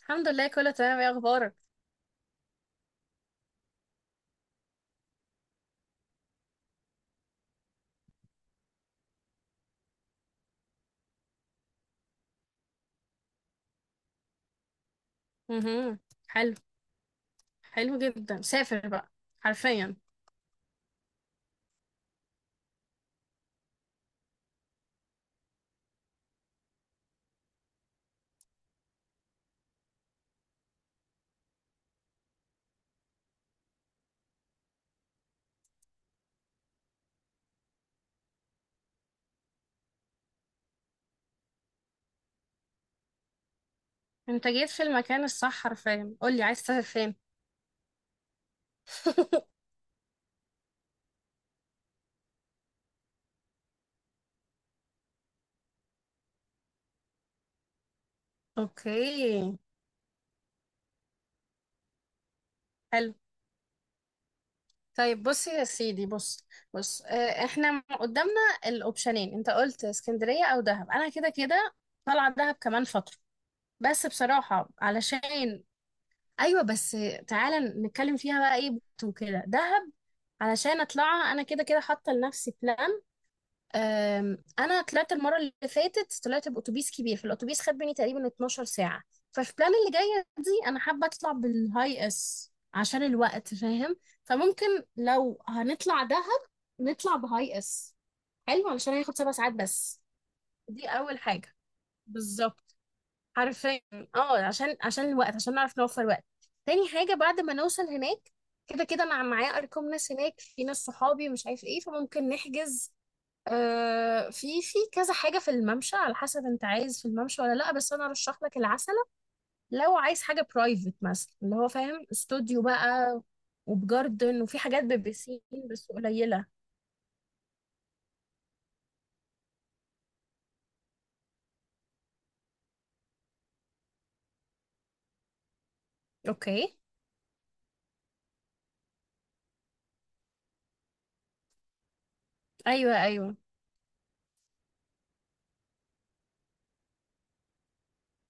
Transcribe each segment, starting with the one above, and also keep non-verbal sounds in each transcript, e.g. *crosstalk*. الحمد لله، كله تمام. ايه اخبارك؟ مهم. حلو. حلو جدا، سافر بقى. حرفيا انت جيت في المكان الصح. حرفيا قولي عايز تسافر فين. *laughs* اوكي. حلو. طيب بصي يا سيدي. بص. احنا قدامنا الاوبشنين. انت قلت اسكندرية او دهب. انا كده كده طالعة دهب كمان فترة، بس بصراحة علشان، ايوه بس تعالى نتكلم فيها بقى ايه وكده. دهب علشان اطلعها، انا كده كده حاطة لنفسي بلان. انا طلعت المره اللي فاتت، طلعت باتوبيس كبير، فالاتوبيس خد مني تقريبا 12 ساعه. ففي بلان اللي جايه دي انا حابه اطلع بالهاي اس عشان الوقت، فاهم؟ فممكن لو هنطلع دهب نطلع بهاي اس. حلو، علشان هياخد سبع ساعات بس. دي اول حاجه. بالظبط. حرفيا. اه عشان الوقت، عشان نعرف نوفر وقت. تاني حاجه، بعد ما نوصل هناك، كده كده انا معايا ارقام ناس هناك، في ناس صحابي مش عارف ايه، فممكن نحجز. في كذا حاجة في الممشى، على حسب انت عايز في الممشى ولا لا، بس انا ارشح لك العسلة. لو عايز حاجة برايفت مثلا، اللي هو فاهم، استوديو بقى وبجاردن، وفي حاجات ببسين بس قليلة. اوكي. ايوه ايوه.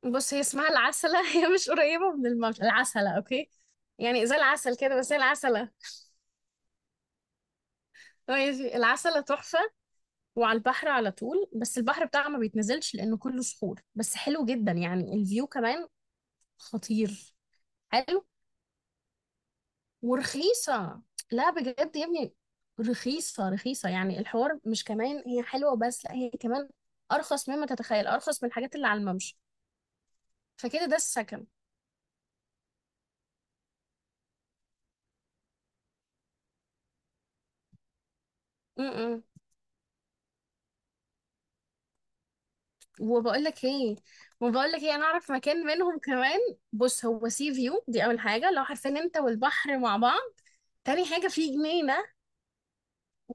بص، هي اسمها العسلة. *laughs* هي مش قريبة من الممشى، العسلة، اوكي؟ يعني زي العسل كده بس هي العسلة. ماشي. العسلة تحفة، وعلى البحر على طول، بس البحر بتاعها ما بيتنزلش لأنه كله صخور، بس حلو جدا يعني، الفيو كمان خطير. حلو. ورخيصة. لا بجد يا ابني، رخيصة رخيصة. يعني الحوار مش كمان هي حلوة بس، لا هي كمان أرخص مما تتخيل، أرخص من الحاجات اللي على الممشى. فكده ده السكن. م-م. وبقول لك ايه وبقول لك ايه، انا اعرف مكان منهم كمان. بص، هو سي فيو، دي اول حاجه، لو عارفين انت والبحر مع بعض. تاني حاجه، في جنينه،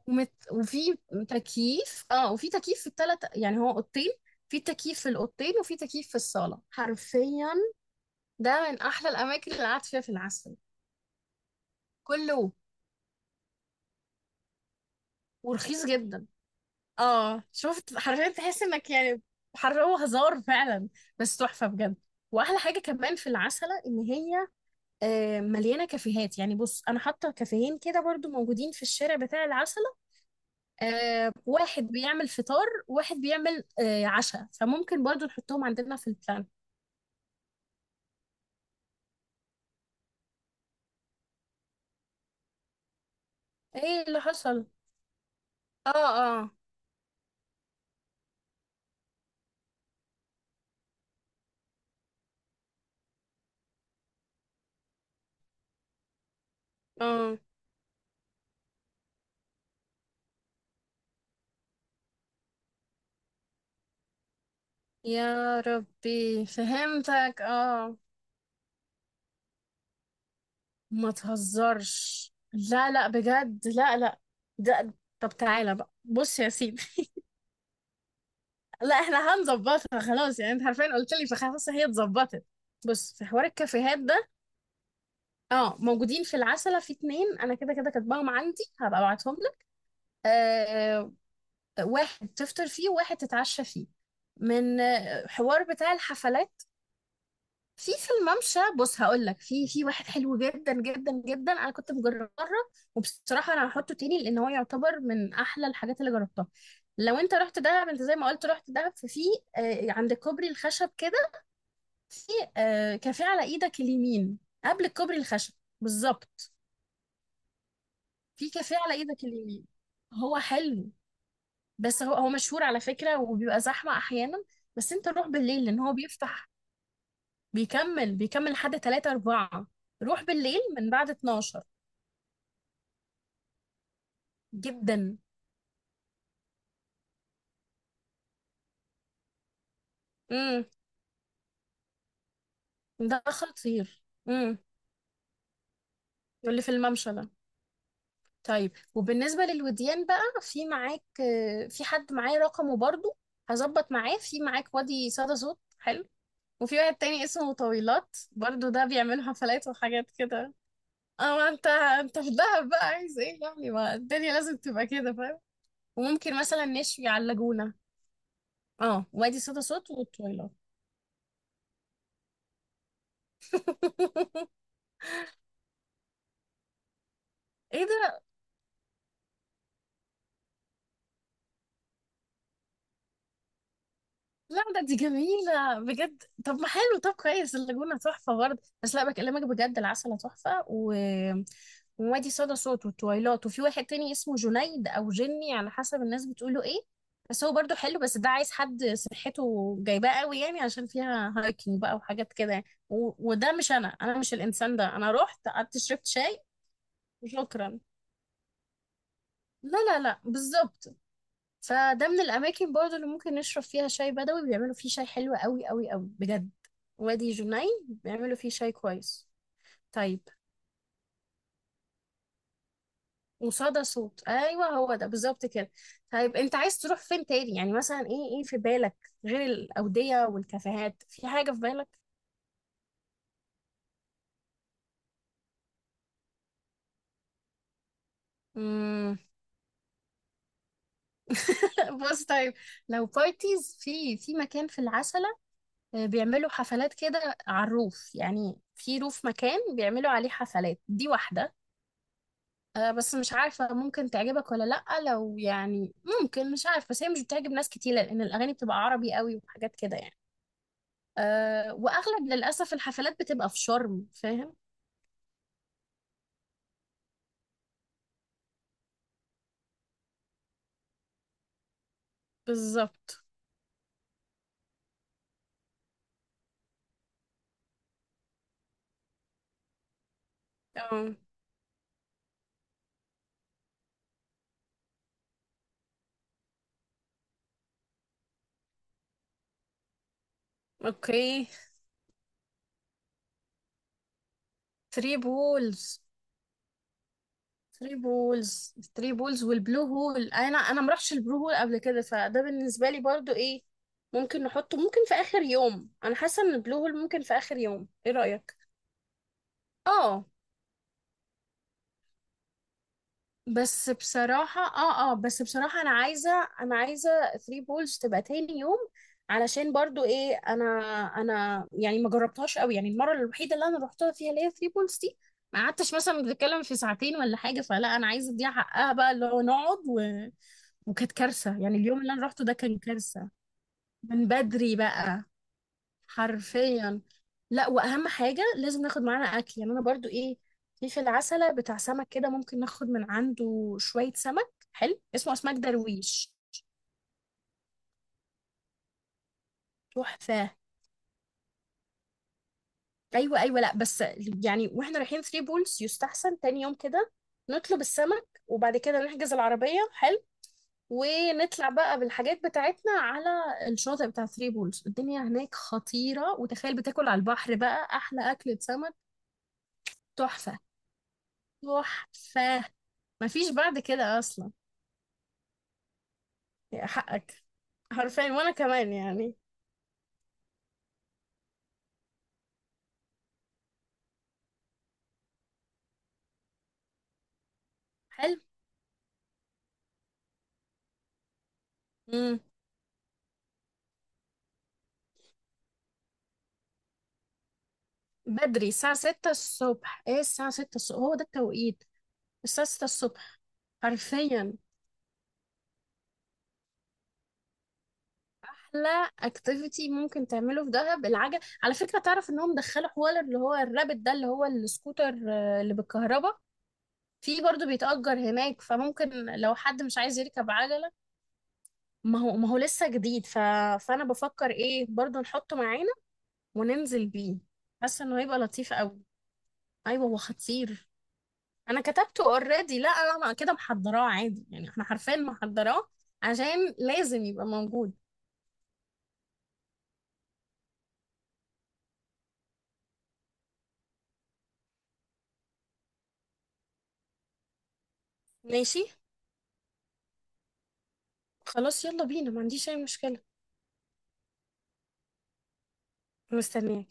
وفي تكييف. اه، وفي تكييف في الثلاث، يعني هو اوضتين، في تكييف في الاوضتين وفي تكييف في الصاله حرفيا. ده من احلى الاماكن اللي قعدت فيها في العسل. كله ورخيص جدا. اه شفت، حرفيا تحس انك يعني حرقوا هزار فعلا، بس تحفه بجد. واحلى حاجه كمان في العسله ان هي مليانه كافيهات. يعني بص، انا حاطه كافيهين كده برضو، موجودين في الشارع بتاع العسله. واحد بيعمل فطار، واحد بيعمل عشاء، فممكن برضو نحطهم عندنا في البلان. ايه اللي حصل؟ اه اه اه يا ربي فهمتك، اه. ما تهزرش، لا لا بجد، لا لا. ده طب تعالى بقى، بص يا سيدي. *laughs* لا احنا هنظبطها خلاص، يعني انت عارفين قلت لي، فخلاص هي اتظبطت. بص، في حوار الكافيهات ده، اه موجودين في العسلة، في اتنين انا كده كده كاتباهم عندي، هبقى ابعتهم لك. آه. واحد تفطر فيه وواحد تتعشى فيه. من حوار بتاع الحفلات في في الممشى، بص هقول لك، في واحد حلو جدا جدا جدا، انا كنت مجربه مره، وبصراحه انا هحطه تاني لان هو يعتبر من احلى الحاجات اللي جربتها. لو انت رحت دهب، انت زي ما قلت رحت دهب، ففي آه عند كوبري الخشب كده، في آه كافيه على ايدك اليمين، قبل الكوبري الخشب، بالظبط. في كافيه على ايدك اليمين، هو حلو بس هو مشهور على فكره، وبيبقى زحمه احيانا، بس انت روح بالليل لان هو بيفتح، بيكمل لحد 3 4. روح بالليل من بعد 12. جدا. امم. ده خطير. امم. اللي في الممشى ده. طيب، وبالنسبة للوديان بقى، في معاك في حد معايا رقمه برضو، هظبط معاه. في معاك وادي صدى صوت، حلو، وفي واحد تاني اسمه طويلات برضو، ده بيعملوا حفلات وحاجات كده. اه، ما انت انت في دهب بقى، عايز ايه يعني؟ ما الدنيا لازم تبقى كده، فاهم. وممكن مثلا نشوي على اللاجونة. اه، وادي صدى صوت وطويلات. *laughs* ايه ده؟ لا ده دي جميلة بجد. طب ما حلو، طب كويس، اللاجونة تحفة برضه، بس لا بكلمك بجد، العسل تحفة، و... ووادي صدى صوت والتويلات، وفي واحد تاني اسمه جنيد أو جني على حسب الناس بتقوله ايه، بس هو برضه حلو، بس ده عايز حد صحته جايباه قوي، يعني عشان فيها هايكنج بقى وحاجات كده يعني. و... وده مش أنا مش الإنسان ده. أنا رحت قعدت شربت شاي وشكرا. لا لا لا بالظبط. فده من الأماكن برضو اللي ممكن نشرب فيها شاي بدوي، بيعملوا فيه شاي حلو قوي قوي قوي بجد. وادي جني بيعملوا فيه شاي كويس. طيب، وصدى صوت، أيوة هو ده بالظبط كده. طيب، أنت عايز تروح فين تاني يعني؟ مثلا إيه، إيه في بالك غير الأودية والكافيهات؟ في حاجة في بالك؟ مم. *laughs* بص طيب، لو بارتيز، في مكان في العسلة بيعملوا حفلات كده على الروف، يعني في روف مكان بيعملوا عليه حفلات، دي واحدة. بس مش عارفة ممكن تعجبك ولا لأ، لو يعني ممكن، مش عارفة، بس هي مش بتعجب ناس كتير لأن الأغاني بتبقى عربي قوي وحاجات كده يعني. أه، وأغلب للأسف الحفلات بتبقى في شرم، فاهم. بالظبط. اه. اوكي. ثري بولز. ثري بولز. ثري بولز والبلو هول. انا ما رحتش البلو هول قبل كده، فده بالنسبه لي برضو ايه، ممكن نحطه، ممكن في اخر يوم، انا حاسه ان البلو هول ممكن في اخر يوم، ايه رايك؟ اه بس بصراحة، اه بس بصراحة انا عايزة 3 بولز تبقى تاني يوم، علشان برضو ايه، انا يعني ما جربتهاش قوي، يعني المرة الوحيدة اللي انا رحتها فيها، اللي هي 3 بولز دي، ما قعدتش مثلا بنتكلم في ساعتين ولا حاجة، فلا انا عايزة اديها حقها بقى، اللي هو نقعد، و... وكانت كارثة يعني، اليوم اللي انا رحته ده كان كارثة. من بدري بقى. حرفيا. لا، واهم حاجه لازم ناخد معانا اكل، يعني انا برضو ايه، في العسله بتاع سمك كده، ممكن ناخد من عنده شويه سمك حلو، اسمه اسماك درويش. تحفه. ايوه ايوه، لا بس يعني، واحنا رايحين ثري بولز يستحسن تاني يوم كده، نطلب السمك وبعد كده نحجز العربيه. حلو. ونطلع بقى بالحاجات بتاعتنا على الشاطئ بتاع ثري بولز. الدنيا هناك خطيره، وتخيل بتاكل على البحر بقى احلى اكله سمك. تحفه. تحفة. مفيش بعد كده أصلا. يا حقك. حرفيا وأنا كمان يعني. حلو. مم. بدري الساعة ستة الصبح. ايه الساعة ستة الصبح هو ده التوقيت. الساعة ستة الصبح. حرفيا. أحلى اكتيفيتي ممكن تعمله في دهب العجل، على فكرة تعرف إنهم دخلوا حوار اللي هو الرابت ده، اللي هو السكوتر اللي بالكهرباء. في برضه بيتأجر هناك، فممكن لو حد مش عايز يركب عجلة. ما هو لسه جديد. ف... فأنا بفكر إيه برضه نحطه معانا وننزل بيه. حاسه انه هيبقى لطيف قوي. ايوه هو خطير. انا كتبته اوريدي، لا انا كده محضراه عادي، يعني احنا حرفيا محضراه، عشان لازم يبقى موجود. ماشي. خلاص يلا بينا، ما عنديش اي مشكله. مستنياك.